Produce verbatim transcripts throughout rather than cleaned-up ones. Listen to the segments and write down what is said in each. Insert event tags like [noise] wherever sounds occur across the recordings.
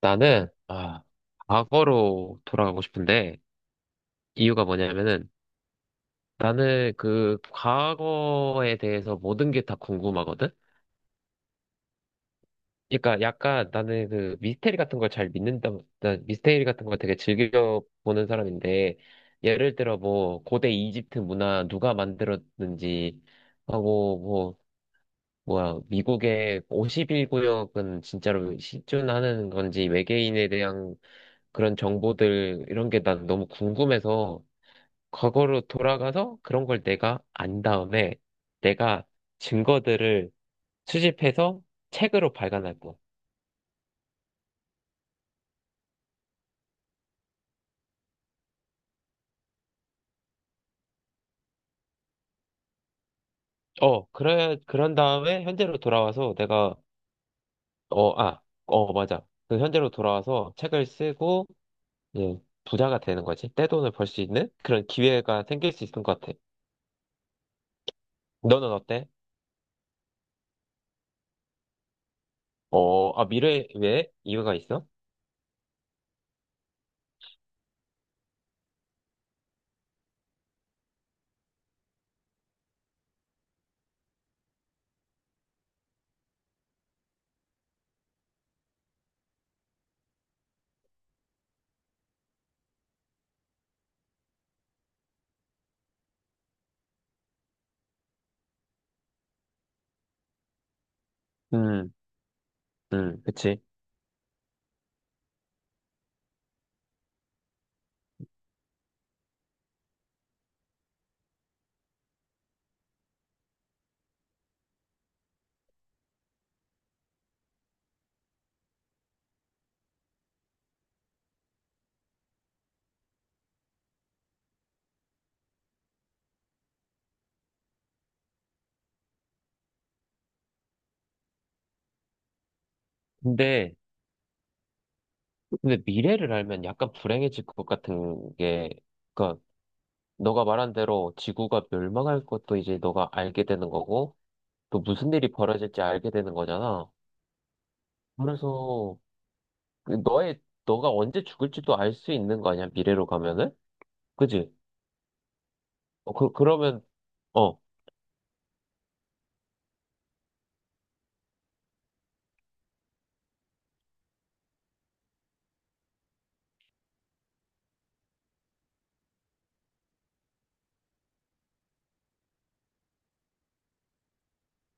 나는, 아, 과거로 돌아가고 싶은데, 이유가 뭐냐면은, 나는 그 과거에 대해서 모든 게 다 궁금하거든? 그러니까 약간 나는 그 미스테리 같은 걸 잘 믿는다, 나 미스테리 같은 걸 되게 즐겨 보는 사람인데, 예를 들어 뭐, 고대 이집트 문화 누가 만들었는지, 하고 뭐 뭐야, 미국의 오십일 구역은 진짜로 실존하는 건지 외계인에 대한 그런 정보들 이런 게 난 너무 궁금해서 과거로 돌아가서 그런 걸 내가 안 다음에 내가 증거들을 수집해서 책으로 발간할 거. 어 그래, 그런 다음에 현재로 돌아와서 내가 어 아 어 맞아, 그 현재로 돌아와서 책을 쓰고, 예, 부자가 되는 거지. 떼돈을 벌 수 있는 그런 기회가 생길 수 있을 것 같아. 너는 어때? 어, 아, 미래, 왜? 이유가 있어? 음, 음, 그치. 근데, 근데 미래를 알면 약간 불행해질 것 같은 게, 그니까, 너가 말한 대로 지구가 멸망할 것도 이제 너가 알게 되는 거고, 또 무슨 일이 벌어질지 알게 되는 거잖아. 그래서, 그 너의, 너가 언제 죽을지도 알 수 있는 거 아니야, 미래로 가면은? 그지? 어, 그, 그러면, 어,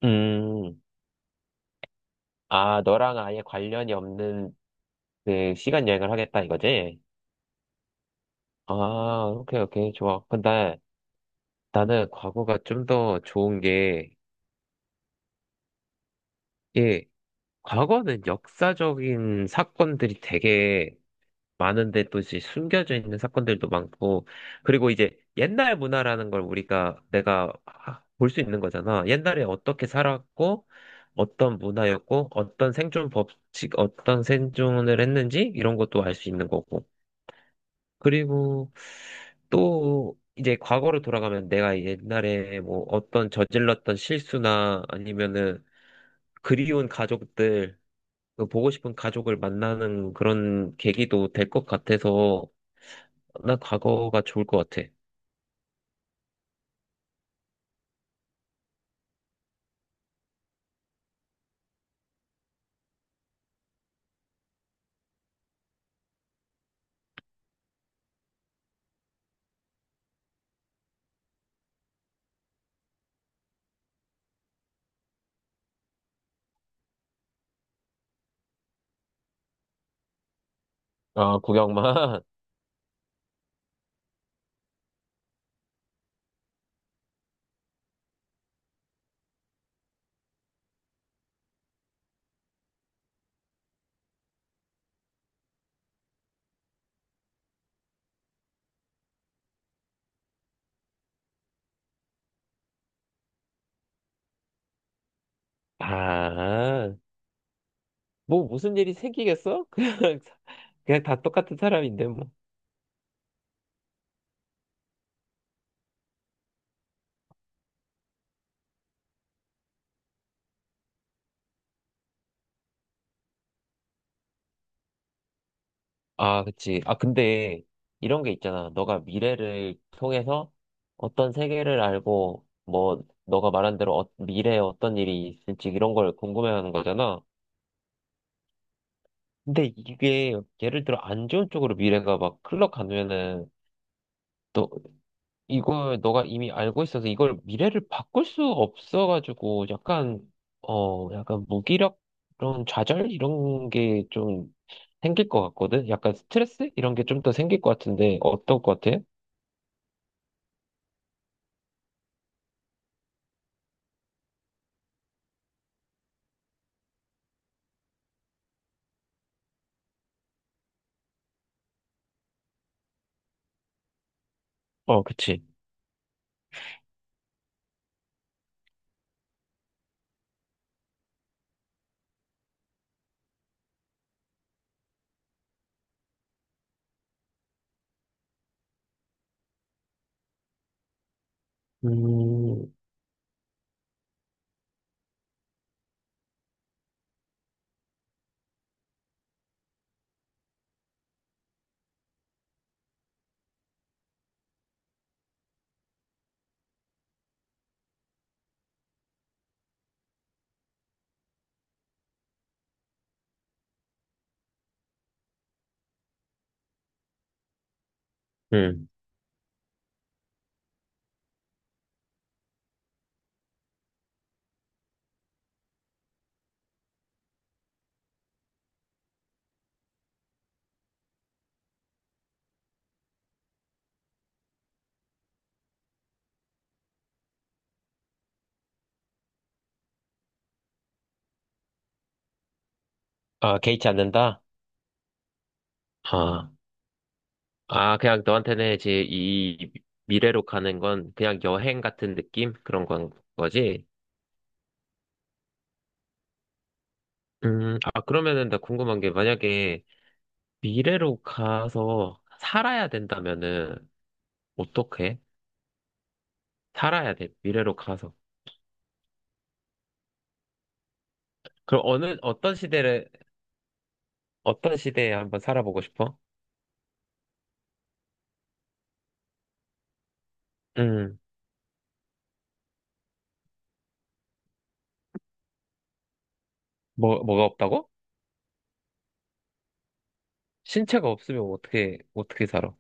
음, 아, 너랑 아예 관련이 없는 그 시간 여행을 하겠다 이거지? 아, 오케이, 오케이, 좋아. 근데 나는 과거가 좀 더 좋은 게, 예, 과거는 역사적인 사건들이 되게 많은데, 또 이제 숨겨져 있는 사건들도 많고, 그리고 이제 옛날 문화라는 걸 우리가, 내가 아, 볼수 있는 거잖아. 옛날에 어떻게 살았고, 어떤 문화였고, 어떤 생존 법칙, 어떤 생존을 했는지, 이런 것도 알 수 있는 거고. 그리고 또 이제 과거로 돌아가면 내가 옛날에 뭐 어떤 저질렀던 실수나 아니면은 그리운 가족들, 그 보고 싶은 가족을 만나는 그런 계기도 될 것 같아서 난 과거가 좋을 것 같아. 아, 구경만. [laughs] 아, 뭐 무슨 일이 생기겠어? [laughs] 그냥, 사- 그냥 다 똑같은 사람인데, 뭐. 아, 그치. 아, 근데 이런 게 있잖아. 너가 미래를 통해서 어떤 세계를 알고, 뭐, 너가 말한 대로 어- 미래에 어떤 일이 있을지 이런 걸 궁금해하는 거잖아. 근데 이게 예를 들어 안 좋은 쪽으로 미래가 막 흘러가면은 또 이걸 너가 이미 알고 있어서 이걸 미래를 바꿀 수 없어가지고 약간 어 약간 무기력, 그런 좌절 이런 게 좀 생길 것 같거든. 약간 스트레스 이런 게 좀 더 생길 것 같은데 어떨 것 같아? 어, 그치. 음, 음. 아, 개의치 않는다? 아, 아, 그냥 너한테는 이제 이 미래로 가는 건 그냥 여행 같은 느낌? 그런 건 거지? 음, 아, 그러면은 나 궁금한 게, 만약에 미래로 가서 살아야 된다면은 어떻게? 살아야 돼, 미래로 가서. 그럼 어느, 어떤 시대를, 어떤 시대에 한번 살아보고 싶어? 음, 뭐, 뭐가 없다고? 신체가 없으면 어떻게, 어떻게 살아?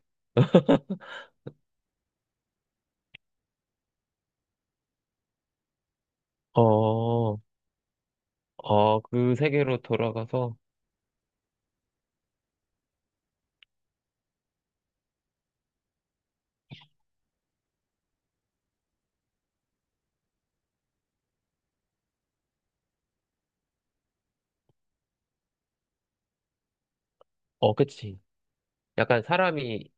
어, 어, 그 세계로 돌아가서, 어, 그치. 약간 사람이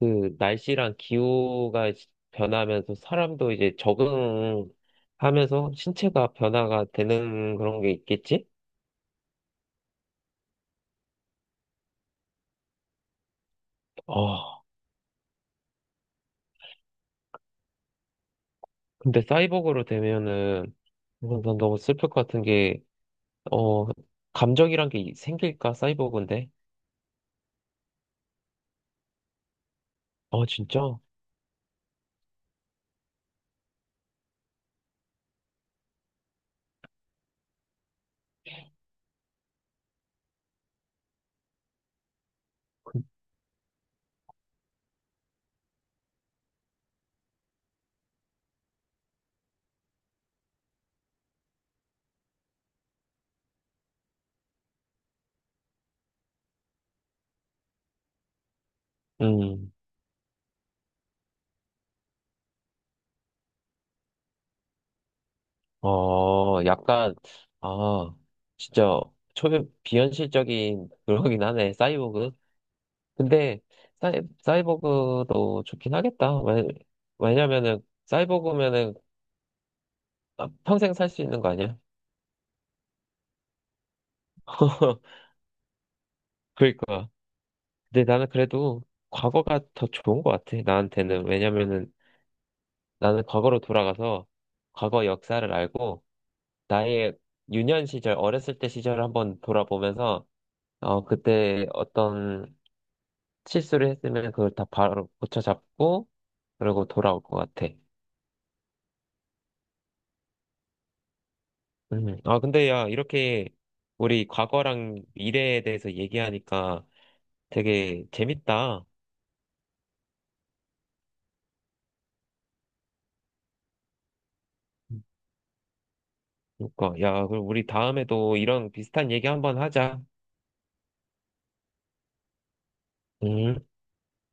그 날씨랑 기후가 변하면서 사람도 이제 적응하면서 신체가 변화가 되는 그런 게 있겠지? 어, 근데 사이보그로 되면은, 이건 난 너무 슬플 것 같은 게, 어, 감정이란 게 생길까, 사이보그인데? 어, 진짜? 음, 어, 약간, 아, 진짜, 초면 비현실적인 [laughs] 그러긴 하네, 사이보그. 근데 사이, 사이버그도 좋긴 하겠다. 왜, 왜냐면은 사이버그면은 아, 평생 살 수 있는 거 아니야? [laughs] 그러니까. 근데 나는 그래도 과거가 더 좋은 것 같아. 나한테는. 왜냐면은 나는 과거로 돌아가서 과거 역사를 알고, 나의 유년 시절, 어렸을 때 시절을 한번 돌아보면서 어, 그때 어떤 실수를 했으면 그걸 다 바로 고쳐잡고 그러고 돌아올 것 같아. 음. 아, 근데 야, 이렇게 우리 과거랑 미래에 대해서 얘기하니까 되게 재밌다. 그러니까, 야, 그럼 우리 다음에도 이런 비슷한 얘기 한번 하자. 음.